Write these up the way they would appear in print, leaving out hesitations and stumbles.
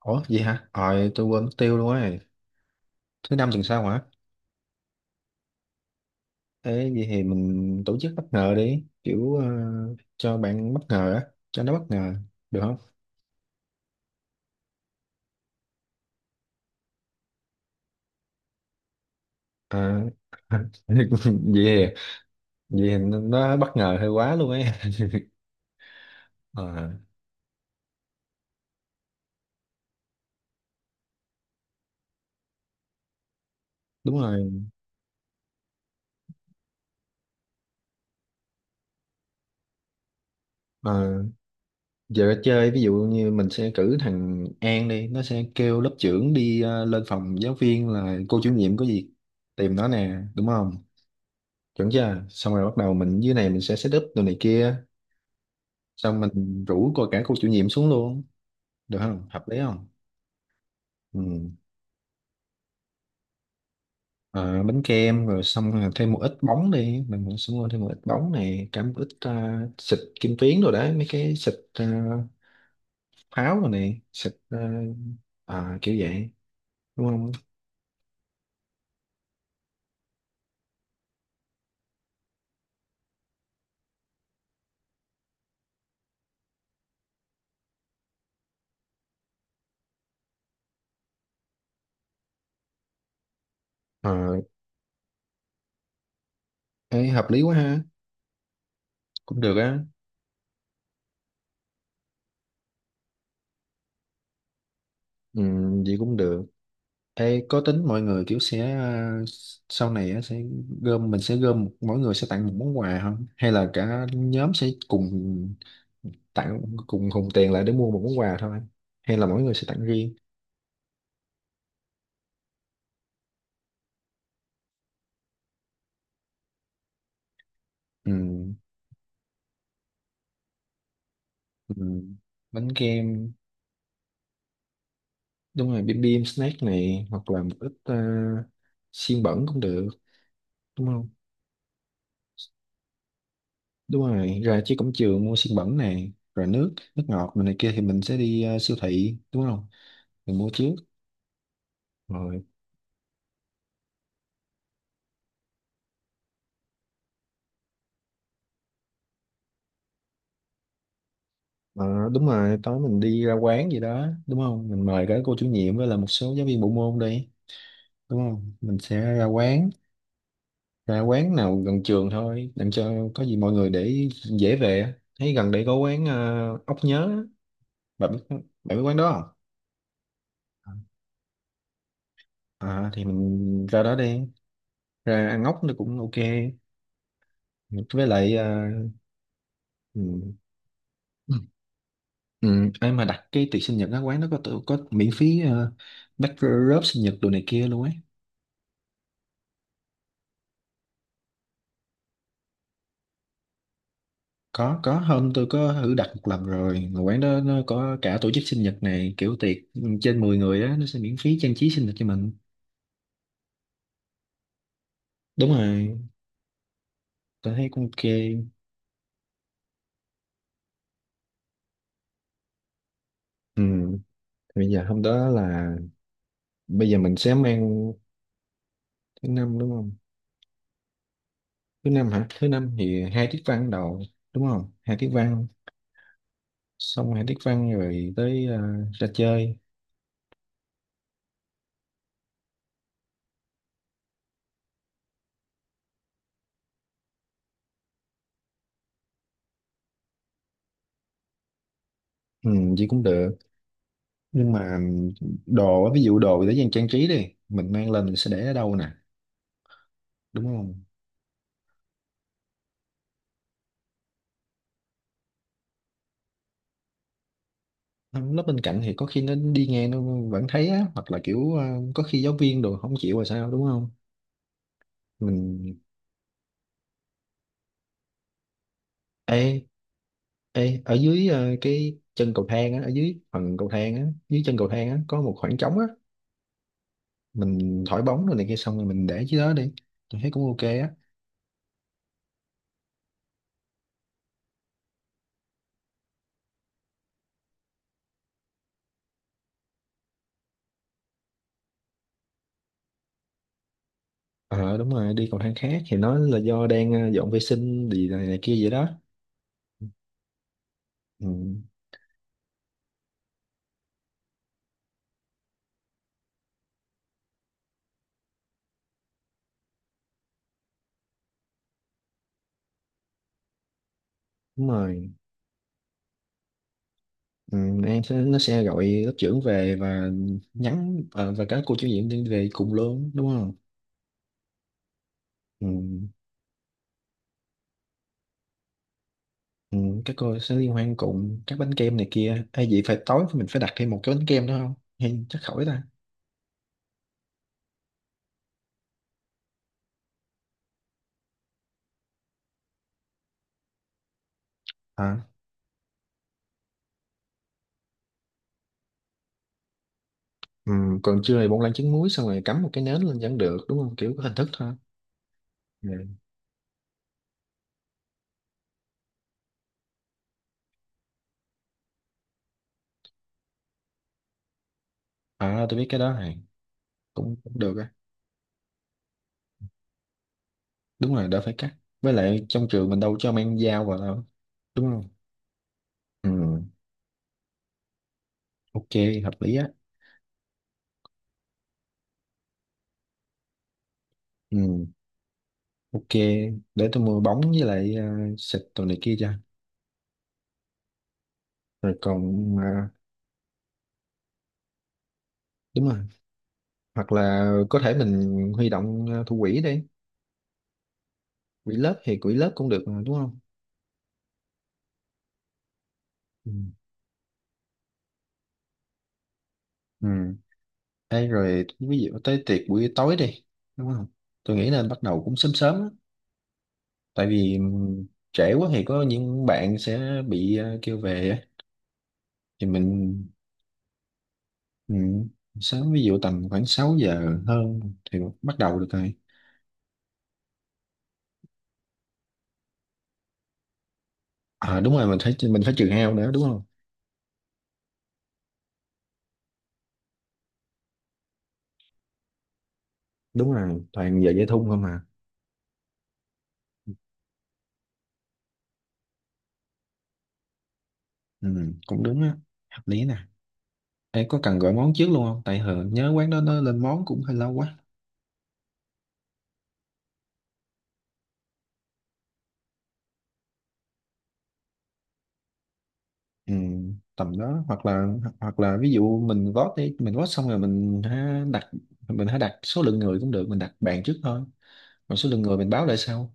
Ủa vậy hả? Ờ tôi quên mất tiêu luôn ấy. Thứ năm tuần sau hả? Ê vậy thì mình tổ chức bất ngờ đi, cho bạn bất ngờ á, cho nó bất ngờ được không? À, vậy thì- vậy thì nó bất ngờ hơi quá luôn ấy. Ờ, đúng rồi. Ờ, giờ chơi ví dụ như mình sẽ cử thằng An đi, nó sẽ kêu lớp trưởng đi lên phòng giáo viên là cô chủ nhiệm có việc tìm nó nè, đúng không? Chuẩn chưa? Xong rồi bắt đầu mình dưới này mình sẽ set up đồ này kia, xong mình rủ coi cả cô chủ nhiệm xuống luôn, được không, hợp lý không? Ừ. Ờ, bánh kem rồi xong rồi thêm một ít bóng đi, mình cũng sẽ mua thêm một ít bóng này, cả một ít xịt kim tuyến rồi đấy mấy cái xịt pháo rồi này, xịt kiểu vậy, đúng không? Ờ, ấy hợp lý quá ha. Cũng được á. Ừ, vậy cũng được. Ê, có tính mọi người kiểu sẽ sau này á, sẽ gom, mình sẽ gom mỗi người sẽ tặng một món quà không, hay là cả nhóm sẽ cùng tặng, cùng hùn tiền lại để mua một món quà thôi, hay là mỗi người sẽ tặng riêng? Ừ, ừ. Bánh kem, đúng rồi, bim bim snack này, hoặc là một ít xiên bẩn cũng được, đúng không? Đúng rồi, ra trước cổng trường mua xiên bẩn này rồi nước nước ngọt này kia thì mình sẽ đi siêu thị, đúng không? Mình mua trước rồi. Ờ, đúng rồi, tối mình đi ra quán gì đó, đúng không? Mình mời cả cô chủ nhiệm với là một số giáo viên bộ môn đi, đúng không? Mình sẽ ra quán, ra quán nào gần trường thôi làm cho có gì mọi người để dễ về á. Thấy gần đây có quán ốc nhớ á. bạn biết bạn biết quán đó không? À, thì mình ra đó đi, ra ăn ốc nó cũng ok. Với lại ừ. Ừ, ai mà đặt cái tiệc sinh nhật á, quán nó có có miễn phí bát sinh nhật đồ này kia luôn ấy. Có hôm tôi có thử đặt một lần rồi, mà quán đó nó có cả tổ chức sinh nhật này, kiểu tiệc trên 10 người á nó sẽ miễn phí trang trí sinh nhật cho mình. Đúng rồi, tôi thấy cũng ok. Ừ, bây giờ hôm đó là, bây giờ mình sẽ mang, thứ năm đúng không? Thứ năm hả? Thứ năm thì hai tiết văn đầu đúng không? Hai tiết văn, xong hai tiết văn rồi tới ra chơi. Ừ, vậy cũng được. Nhưng mà đồ á, ví dụ đồ để dành trang trí đi, mình mang lên mình sẽ để ở đâu nè, đúng không? Nó bên cạnh thì có khi nó đi nghe nó vẫn thấy á, hoặc là có khi giáo viên đồ không chịu rồi sao đúng không? mình ê ê Ở dưới cái chân cầu thang á, ở dưới phần cầu thang á, dưới chân cầu thang á có một khoảng trống á, mình thổi bóng rồi này kia xong rồi mình để dưới đó đi. Tôi thấy cũng ok á. Ờ, đúng rồi, đi cầu thang khác thì nó là do đang dọn vệ sinh gì này, này kia vậy đó. Ừ, đúng rồi. Ừ, em sẽ nó sẽ gọi lớp trưởng về và nhắn và các cô chủ nhiệm đi về cùng luôn, đúng không? Ừ, ừ, các cô sẽ liên hoan cùng, các bánh kem này kia hay vậy phải tối mình phải đặt thêm một cái bánh kem nữa không hay chắc khỏi ta? À, ừ, còn trưa thì bông lan trứng muối xong rồi cắm một cái nến lên vẫn được đúng không, kiểu có hình thức thôi. Ừ. À, tôi biết cái đó này. Cũng, cũng được á. Đúng rồi, đỡ phải cắt. Với lại trong trường mình đâu cho mang dao vào đâu, đúng không? Ừ, ok, hợp lý á. Ừ, ok, để tôi mua bóng với lại xịt đồ này kia cho. Rồi còn đúng rồi, hoặc là có thể mình huy động thủ quỹ đi, quỹ lớp thì quỹ lớp cũng được mà, đúng không? Ừ. Ừ. Ê, rồi ví dụ tới tiệc buổi tối đi, đúng không? Tôi nghĩ nên bắt đầu cũng sớm sớm á, tại vì trễ quá thì có những bạn sẽ bị kêu về á. Thì mình, ừ, sớm ví dụ tầm khoảng 6 giờ hơn thì bắt đầu được rồi. À đúng rồi, mình phải trừ hao nữa đúng không? Đúng rồi, toàn giờ dây thun không mà. Ừ, cũng đúng á, hợp lý nè. Ê, có cần gọi món trước luôn không, tại hờ nhớ quán đó nó lên món cũng hơi lâu quá. Ừ, tầm đó, hoặc là, hoặc là ví dụ mình vote đi, mình vote xong rồi mình ha đặt, mình hãy đặt số lượng người cũng được, mình đặt bàn trước thôi còn số lượng người mình báo lại sau,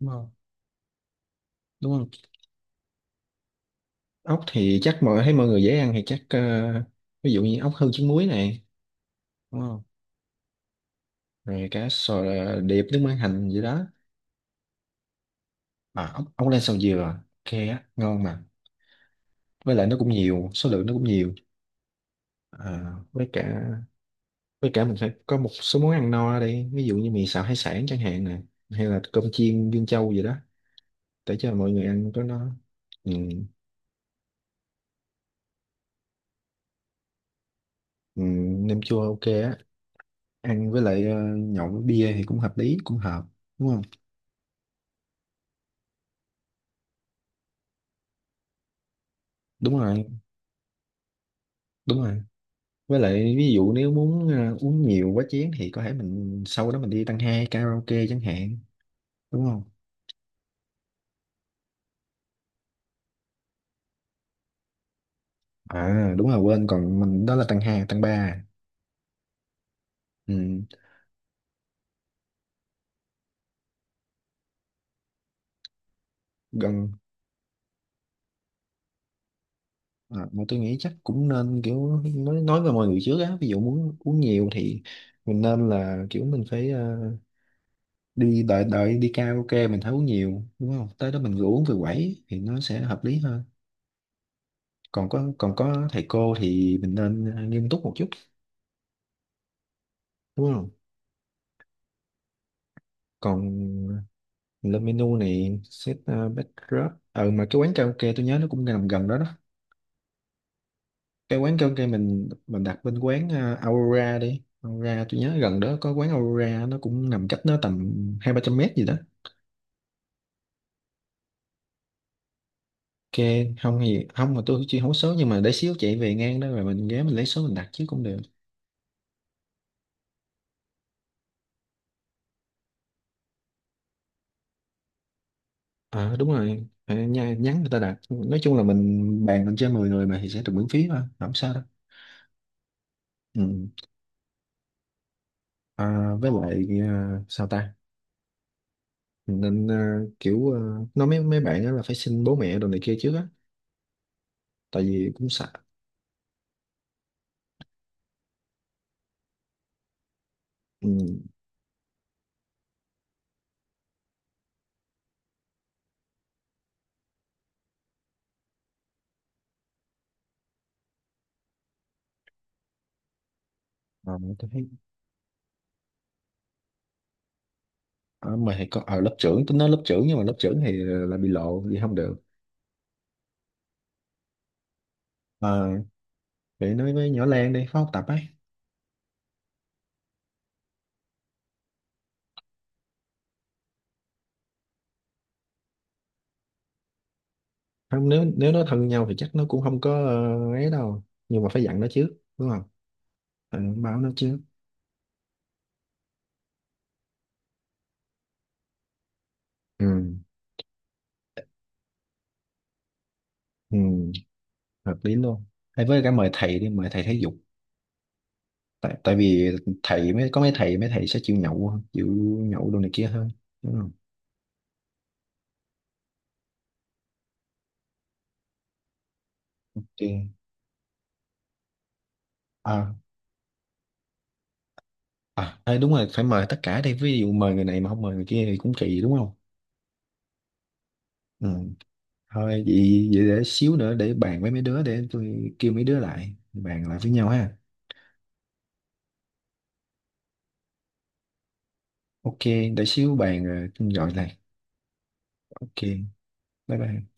đúng không? Đúng không? Ốc thì chắc mọi thấy mọi người dễ ăn thì chắc ví dụ như ốc hương trứng muối này đúng không, rồi cá sò điệp nước mắm hành gì đó. À ốc ốc len sầu dừa ok á, ngon mà, với lại nó cũng nhiều, số lượng nó cũng nhiều. À, với cả với cả mình phải có một số món ăn no ở đây, ví dụ như mì xào hải sản chẳng hạn nè, hay là cơm chiên Dương Châu gì đó, để cho mọi người ăn có nó. Ừ, ừ, nem chua ok á, ăn với lại nhậu với bia thì cũng hợp lý, cũng hợp, đúng không? Đúng rồi, đúng rồi, với lại ví dụ nếu muốn uống nhiều quá chén thì có thể mình sau đó mình đi tăng hai karaoke chẳng hạn, đúng không? À đúng rồi, quên, còn mình đó là tăng hai tăng ba. Ừ. Gần. À, mà tôi nghĩ chắc cũng nên kiểu nói với mọi người trước á, ví dụ muốn uống nhiều thì mình nên là kiểu mình phải đi đợi đợi đi karaoke mình thấy uống nhiều, đúng không, tới đó mình rủ uống về quẩy thì nó sẽ hợp lý hơn. Còn có, còn có thầy cô thì mình nên nghiêm túc một chút, đúng không? Còn mình lên menu này, set backdrop. Ờ mà cái quán karaoke tôi nhớ nó cũng nằm gần đó đó, cái quán karaoke mình đặt bên quán Aurora đi, Aurora tôi nhớ gần đó có quán Aurora, nó cũng nằm cách nó tầm hai ba trăm mét gì đó. Ok. Không thì không, mà tôi chưa hố số, nhưng mà để xíu chạy về ngang đó rồi mình ghé mình lấy số mình đặt chứ cũng được. Ờ đúng rồi. Phải nhắn người ta đặt, nói chung là mình bàn lên trên 10 người mà thì sẽ được miễn phí mà, không sao đâu. Ừ. À, với lại à, sao ta mình nên nói mấy mấy bạn đó là phải xin bố mẹ đồ này kia trước á, tại vì cũng sợ. Ừ. Ờ, tôi thấy. Ờ, mà thì có ở lớp trưởng, tôi nói lớp trưởng, nhưng mà lớp trưởng thì là bị lộ thì không được. Ờ, vậy nói với nhỏ Lan đi, phó học tập ấy. Không, nếu nếu nó thân nhau thì chắc nó cũng không có ấy đâu, nhưng mà phải dặn nó trước, đúng không? Ờ, báo nó trước. Ừ. Ừ, hợp lý luôn, hay với cả mời thầy đi, mời thầy thể dục. Tại tại vì thầy mới có, mấy thầy sẽ chịu nhậu hơn, chịu nhậu đồ này kia hơn, đúng không? Ok. À à ê, đúng rồi, phải mời tất cả đi, ví dụ mời người này mà không mời người kia thì cũng kỳ, đúng không? Ừ. Thôi vậy, vậy để xíu nữa để bàn với mấy đứa, để tôi kêu mấy đứa lại bàn lại với nhau ha. Ok, để xíu bàn rồi tôi gọi lại. Ok, bye bye.